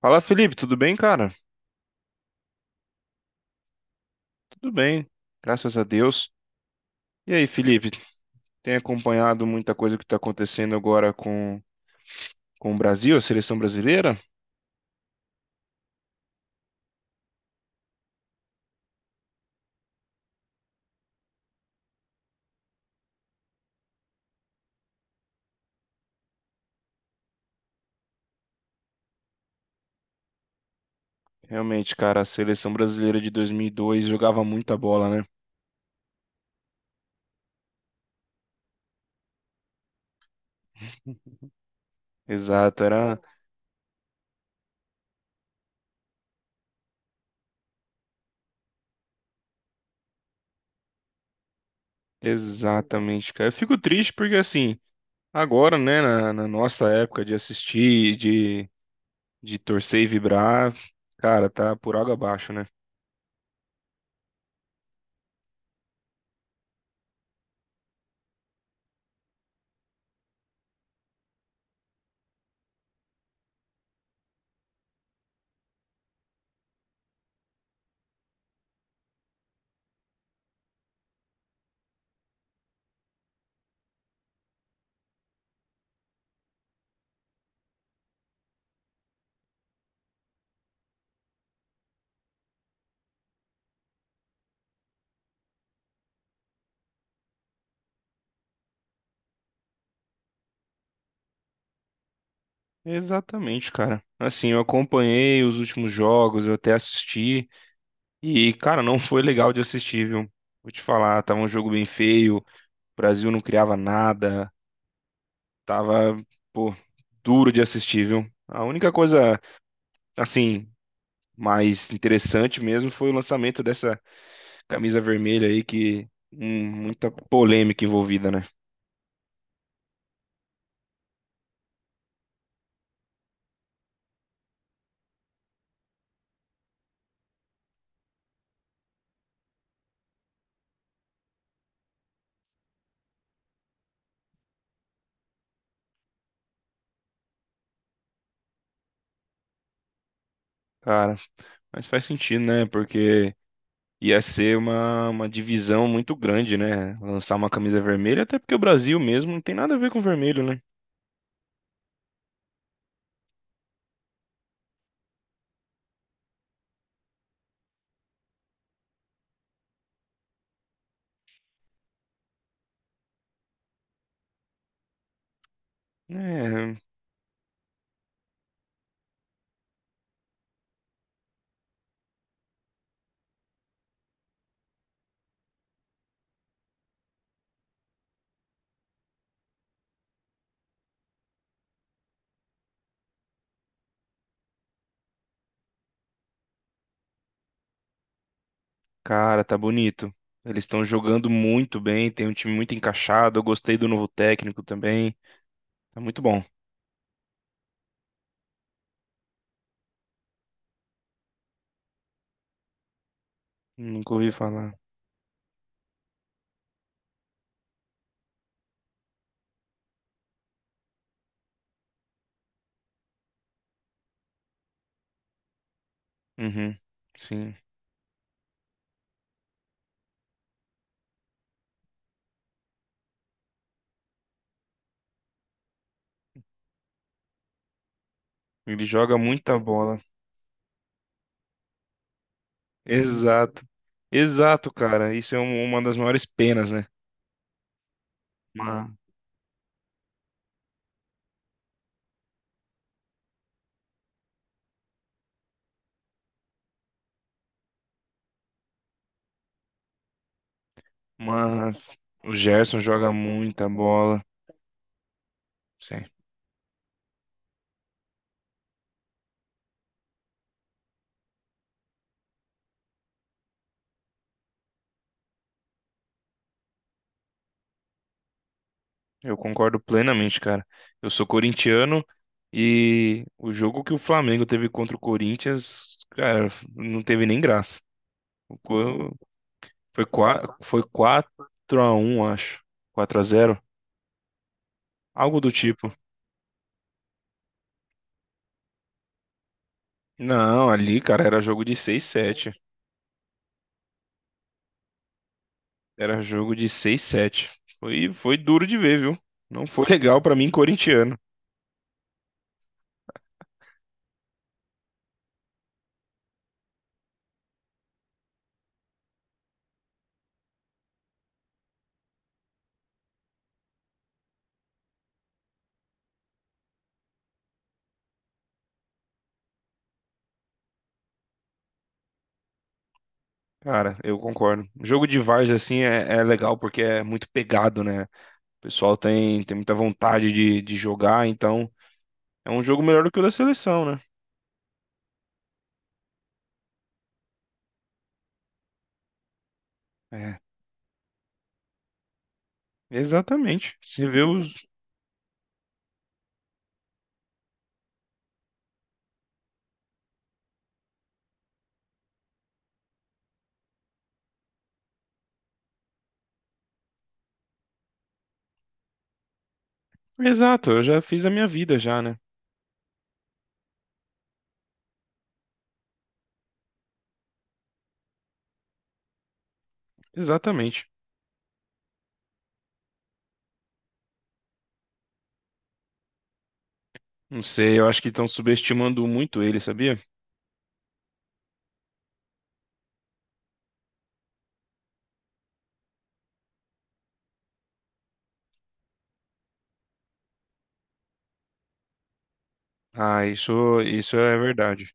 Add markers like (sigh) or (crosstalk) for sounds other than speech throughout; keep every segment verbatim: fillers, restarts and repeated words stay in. Fala, Felipe, tudo bem, cara? Tudo bem, graças a Deus. E aí, Felipe, tem acompanhado muita coisa que está acontecendo agora com, com o Brasil, a seleção brasileira? Realmente, cara, a seleção brasileira de dois mil e dois jogava muita bola, né? Exato, era exatamente, cara. Eu fico triste porque, assim, agora, né, na, na nossa época de assistir, de, de torcer e vibrar, cara, tá por água abaixo, né? Exatamente, cara. Assim, eu acompanhei os últimos jogos, eu até assisti. E, cara, não foi legal de assistir, viu? Vou te falar, tava um jogo bem feio, o Brasil não criava nada, tava, pô, duro de assistir, viu? A única coisa, assim, mais interessante mesmo foi o lançamento dessa camisa vermelha aí, que hum, muita polêmica envolvida, né? Cara, mas faz sentido, né? Porque ia ser uma, uma divisão muito grande, né? Lançar uma camisa vermelha, até porque o Brasil mesmo não tem nada a ver com vermelho, né? É. Cara, tá bonito. Eles estão jogando muito bem, tem um time muito encaixado. Eu gostei do novo técnico também. Tá muito bom. Nunca ouvi falar. Uhum. Sim. Ele joga muita bola. Exato. Exato, cara. Isso é um- uma das maiores penas, né? Ma- Mas, o Gerson joga muita bola. Sim. Eu concordo plenamente, cara. Eu sou corintiano e o jogo que o Flamengo teve contra o Corinthians, cara, não teve nem graça. Foi quatro, foi quatro a um, acho. Quatro a zero, algo do tipo. Não, ali, cara, era jogo de seis sete. Era jogo de seis sete. Foi, foi duro de ver, viu? Não foi (laughs) legal pra mim, corintiano. Cara, eu concordo. Jogo de várzea, assim, é, é legal porque é muito pegado, né? O pessoal tem, tem muita vontade de, de jogar, então é um jogo melhor do que o da seleção, né? É, exatamente. Você vê os. Exato, eu já fiz a minha vida já, né? Exatamente. Não sei, eu acho que estão subestimando muito ele, sabia? Ah, isso, isso é verdade.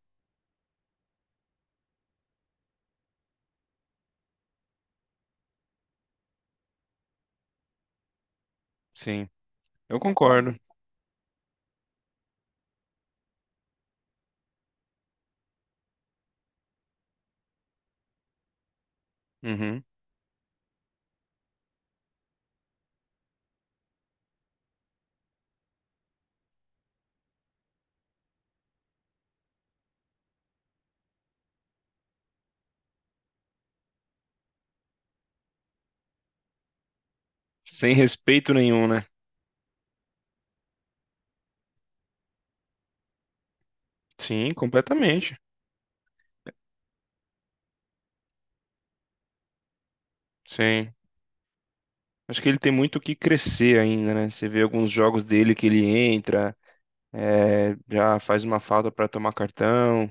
Sim, eu concordo. Uhum. Sem respeito nenhum, né? Sim, completamente. Sim. Acho que ele tem muito o que crescer ainda, né? Você vê alguns jogos dele que ele entra, é, já faz uma falta pra tomar cartão.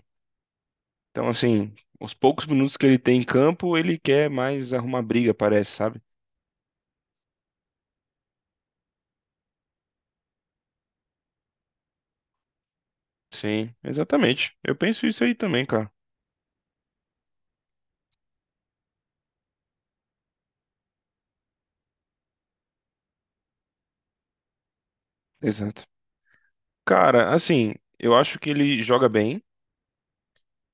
Então, assim, os poucos minutos que ele tem em campo, ele quer mais arrumar briga, parece, sabe? Sim, exatamente. Eu penso isso aí também, cara. Exato. Cara, assim, eu acho que ele joga bem,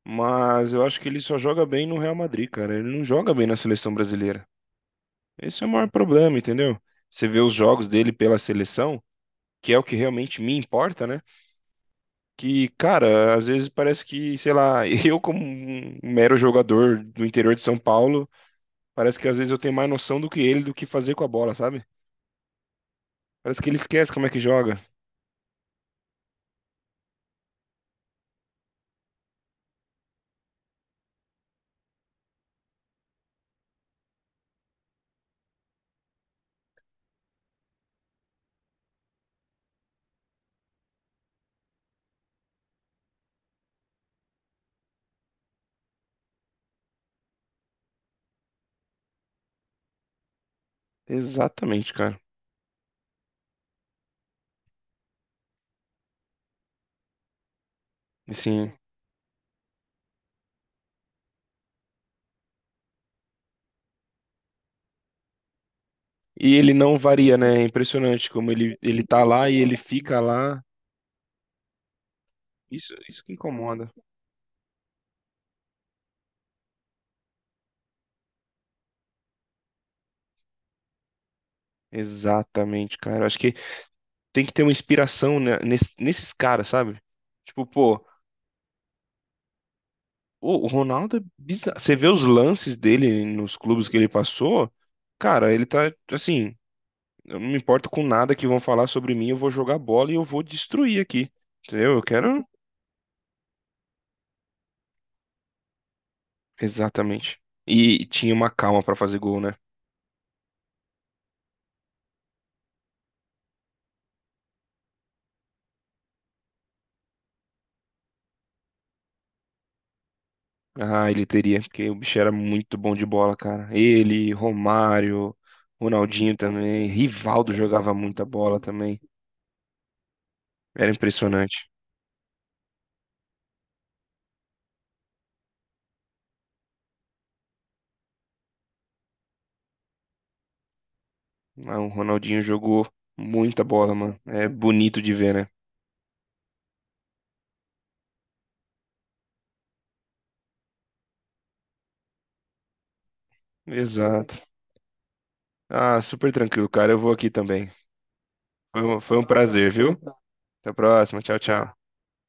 mas eu acho que ele só joga bem no Real Madrid, cara. Ele não joga bem na seleção brasileira. Esse é o maior problema, entendeu? Você vê os jogos dele pela seleção, que é o que realmente me importa, né? Que, cara, às vezes parece que, sei lá, (laughs) eu como um mero jogador do interior de São Paulo, parece que às vezes eu tenho mais noção do que ele do que fazer com a bola, sabe? Parece que ele esquece como é que joga. Exatamente, cara. Assim, e ele não varia, né? É impressionante como ele, ele tá lá e ele fica lá. Isso, isso que incomoda. Exatamente, cara. Eu acho que tem que ter uma inspiração né, nes- nesses caras, sabe? Tipo, pô, o o Ronaldo é bizarro. Você vê os lances dele nos clubes que ele passou, cara, ele tá assim. Eu não me importo com nada que vão falar sobre mim, eu vou jogar bola e eu vou destruir aqui. Entendeu? Eu quero. Exatamente. E tinha uma calma pra fazer gol, né? Ah, ele teria, porque o bicho era muito bom de bola, cara. Ele, Romário, Ronaldinho também, Rivaldo jogava muita bola também. Era impressionante. Ah, o Ronaldinho jogou muita bola, mano. É bonito de ver, né? Exato. Ah, super tranquilo, cara. Eu vou aqui também. Foi um, foi um prazer, viu? Até a próxima. Tchau, tchau.